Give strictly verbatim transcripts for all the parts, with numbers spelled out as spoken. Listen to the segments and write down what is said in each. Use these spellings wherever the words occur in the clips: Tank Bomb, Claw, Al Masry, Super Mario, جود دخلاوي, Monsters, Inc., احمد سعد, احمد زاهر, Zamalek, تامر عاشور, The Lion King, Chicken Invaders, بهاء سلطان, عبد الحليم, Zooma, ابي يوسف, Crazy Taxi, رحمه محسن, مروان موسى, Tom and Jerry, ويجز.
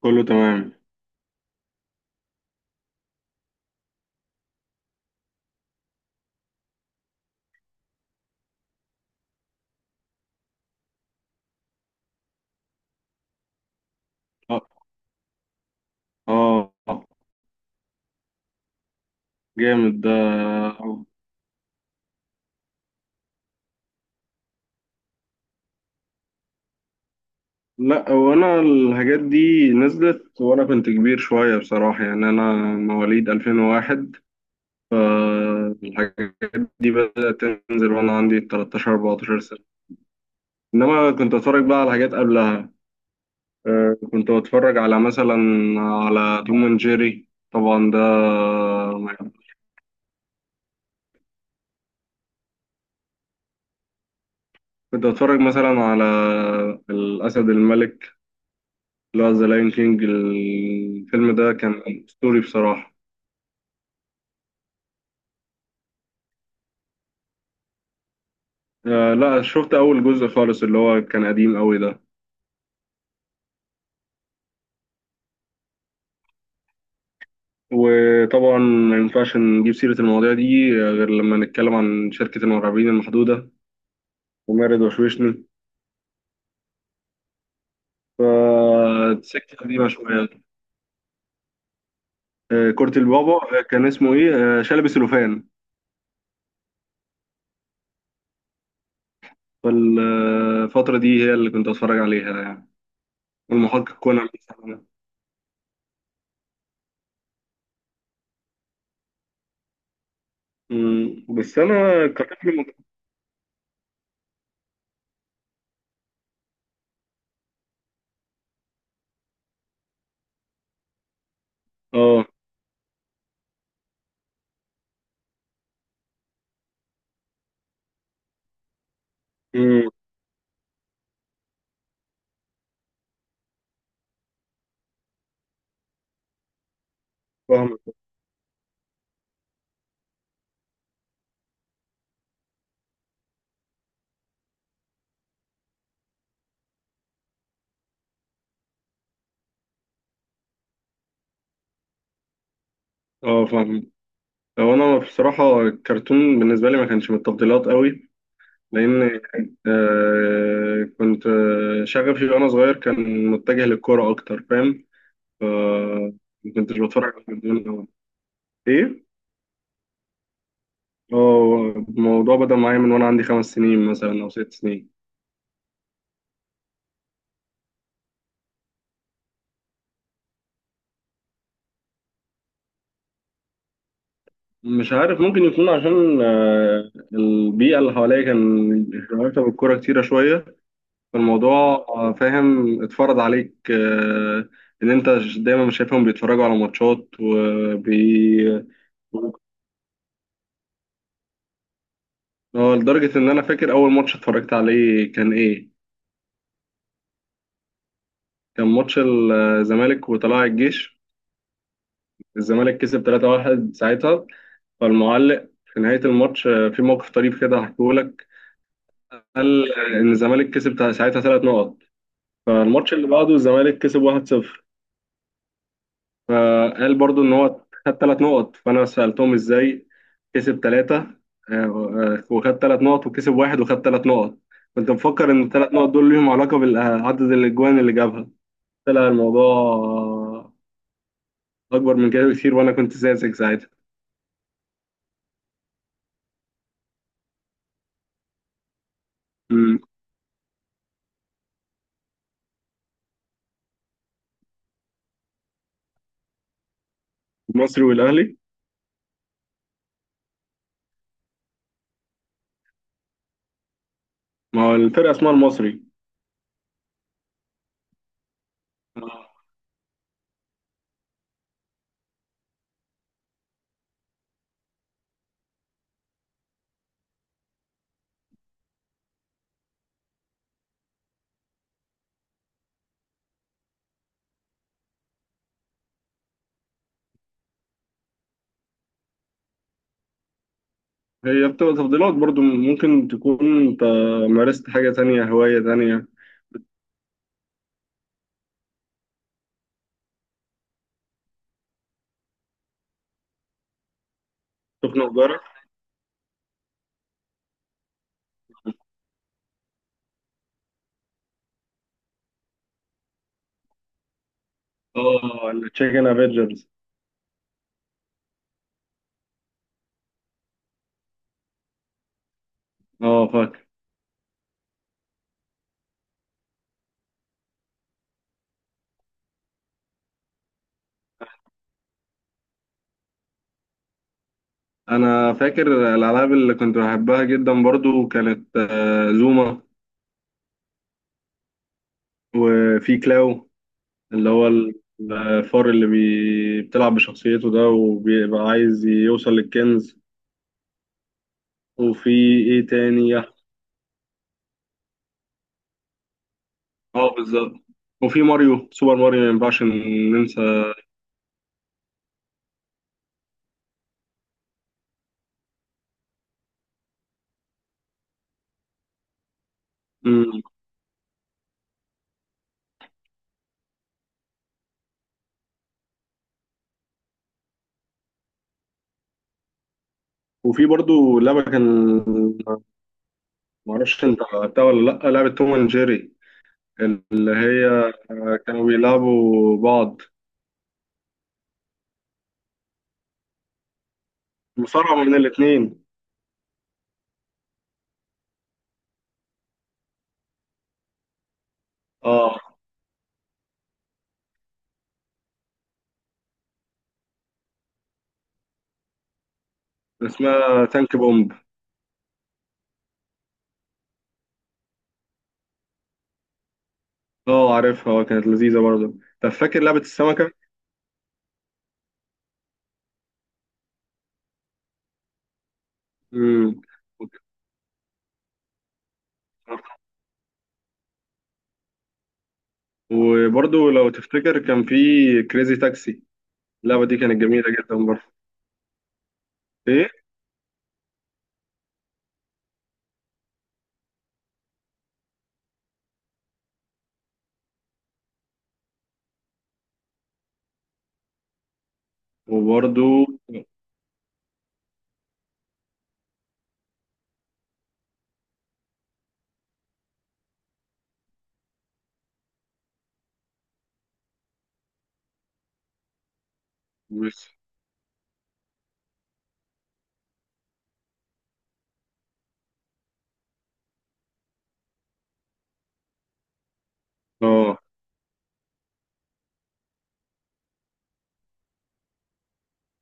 كله تمام. اه. اه. آه، جامد ده. لا، هو انا الحاجات دي نزلت وانا كنت كبير شوية بصراحة، يعني انا مواليد ألفين وواحد، فالحاجات دي بدأت تنزل وانا عندي ثلاثتاشر اربعتاشر سنة، انما كنت اتفرج بقى على حاجات قبلها. آه، كنت بتفرج على مثلا على توم اند جيري طبعا ده. كنت اتفرج مثلا على الاسد الملك، لا ذا لاين كينج، الفيلم ده كان اسطوري بصراحة. آه لا، شفت اول جزء خالص اللي هو كان قديم قوي ده. وطبعا ما ينفعش نجيب سيرة المواضيع دي آه، غير لما نتكلم عن شركة المرعبين المحدودة ومارد وشوشني، فالسكة قديمة شوية. آه كرة البابا، آه، كان اسمه ايه، آه شلبي سلوفان. فالفترة دي هي اللي كنت اتفرج عليها يعني، والمحقق كونان. أمم، بس انا كطفل مت- اه. أمم، فاهمك. اه، فاهمك. هو انا بصراحه الكرتون بالنسبه لي ما كانش من التفضيلات قوي، لان آه كنت، آه، شغفي وانا صغير كان متجه للكوره اكتر، فاهم؟ ف ما كنتش بتفرج على الكرتون أوي. ايه؟ اه، الموضوع بدأ معايا من وانا عندي خمس سنين مثلا او ست سنين. مش عارف، ممكن يكون عشان آه، البيئه اللي حواليا كان رابطه بالكوره كتيره شويه. الموضوع آه، فاهم، اتفرض عليك آه، ان انت ش- دايما شايفهم بيتفرجوا على ماتشات وبي اه. لدرجة ان انا فاكر اول ماتش اتفرجت عليه كان ايه. كان ماتش الزمالك وطلائع الجيش، الزمالك كسب تلاتة واحد ساعتها. فالمعلق في نهاية الماتش آه، في موقف طريف كده هحكيه لك. قال ان الزمالك كسب ساعتها ثلاث نقط. فالماتش اللي بعده الزمالك كسب واحد صفر، فقال برضو ان هو خد ثلاث نقط. فانا سالتهم ازاي كسب ثلاثه وخد ثلاث نقط، وكسب واحد وخد ثلاث نقط؟ كنت مفكر ان الثلاث نقط دول ليهم علاقه بعدد الاجوان اللي جابها. طلع الموضوع آه، اكبر من كده بكتير، وانا كنت ساذج ساعتها. أمم. المصري والاهلي. ما هو الفرقه اسمها المصري. آه، هي بتبقى تفضيلات برضو، ممكن تكون انت مارست حاجه تانية، هوايه تانية. تخنق جارك. اه التشيكن افنجرز. اه، انا فاكر الالعاب اللي كنت بحبها جدا برضو كانت، آه، زوما. وفي كلاو، اللي هو ال- الفار اللي بي... بتلعب بشخصيته ده، وبيبقى عايز يوصل للكنز. وفي ايه تاني. اه بالظبط. وفي ماريو، سوبر ماريو، ما ينفعش ننسى. مم. وفي برضو لعبة كان، معرفش انت لعبتها ولا لأ، لعبة توم اند جيري. اللي هي آه، كانوا بيلعبوا بعض، مصارعة من الاتنين. اه اسمها تانك بومب. اه عارفها، اه كانت لذيذة برضه. طب فاكر لعبة السمكة؟ امم. وبرضه لو تفتكر كان في كريزي تاكسي، اللعبة دي كانت جميلة جدا برضه. ايه. وبرضه. بس. اه.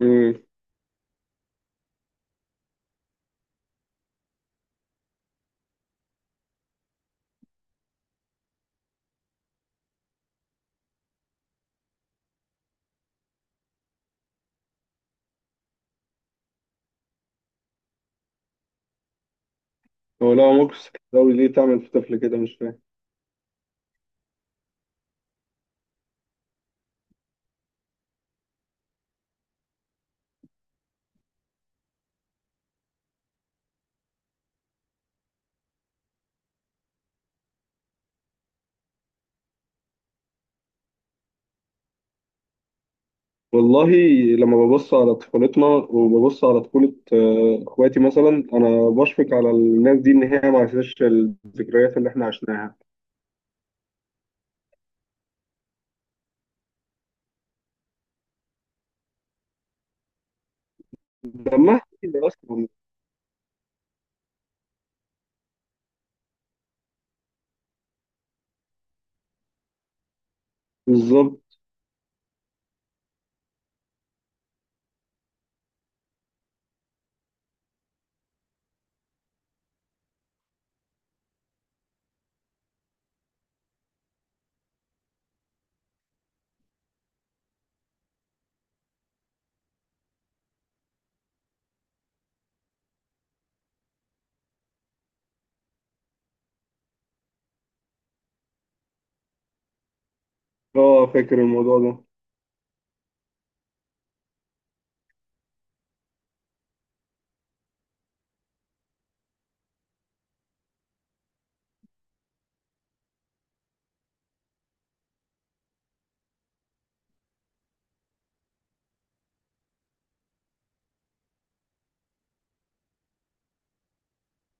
امم. هو لا موكس قوي ليه تعمل في طفل كده، مش فاهم. والله، لما ببص على طفولتنا وببص على طفولة آه، اخواتي مثلا، انا بشفق على الناس دي ان هي ما عاشتش الذكريات اللي احنا عشناها. لما احكي اصلا. بالظبط. اه فاكر الموضوع ده.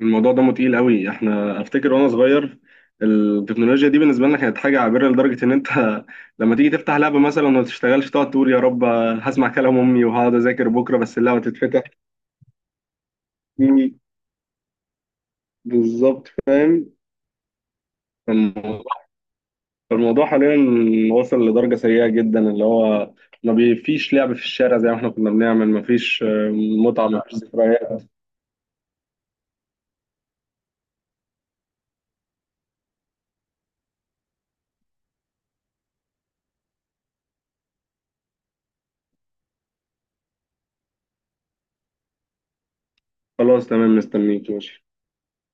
الموضوع دمه تقيل قوي. احنا افتكر وانا صغير التكنولوجيا دي بالنسبه لنا كانت حاجه عابره، لدرجه ان انت لما تيجي تفتح لعبه مثلا وما تشتغلش تقعد تقول يا رب هسمع كلام امي وهقعد اذاكر بكره بس اللعبه تتفتح. مم، بالظبط فاهم. الموضوع، الموضوع حاليا وصل لدرجه سيئه جدا، اللي هو ما بي- فيش لعب في الشارع زي ما احنا كنا بنعمل. ما فيش آه، متعه، ما فيش ذكريات. خلاص تمام، مستنيك، ماشي.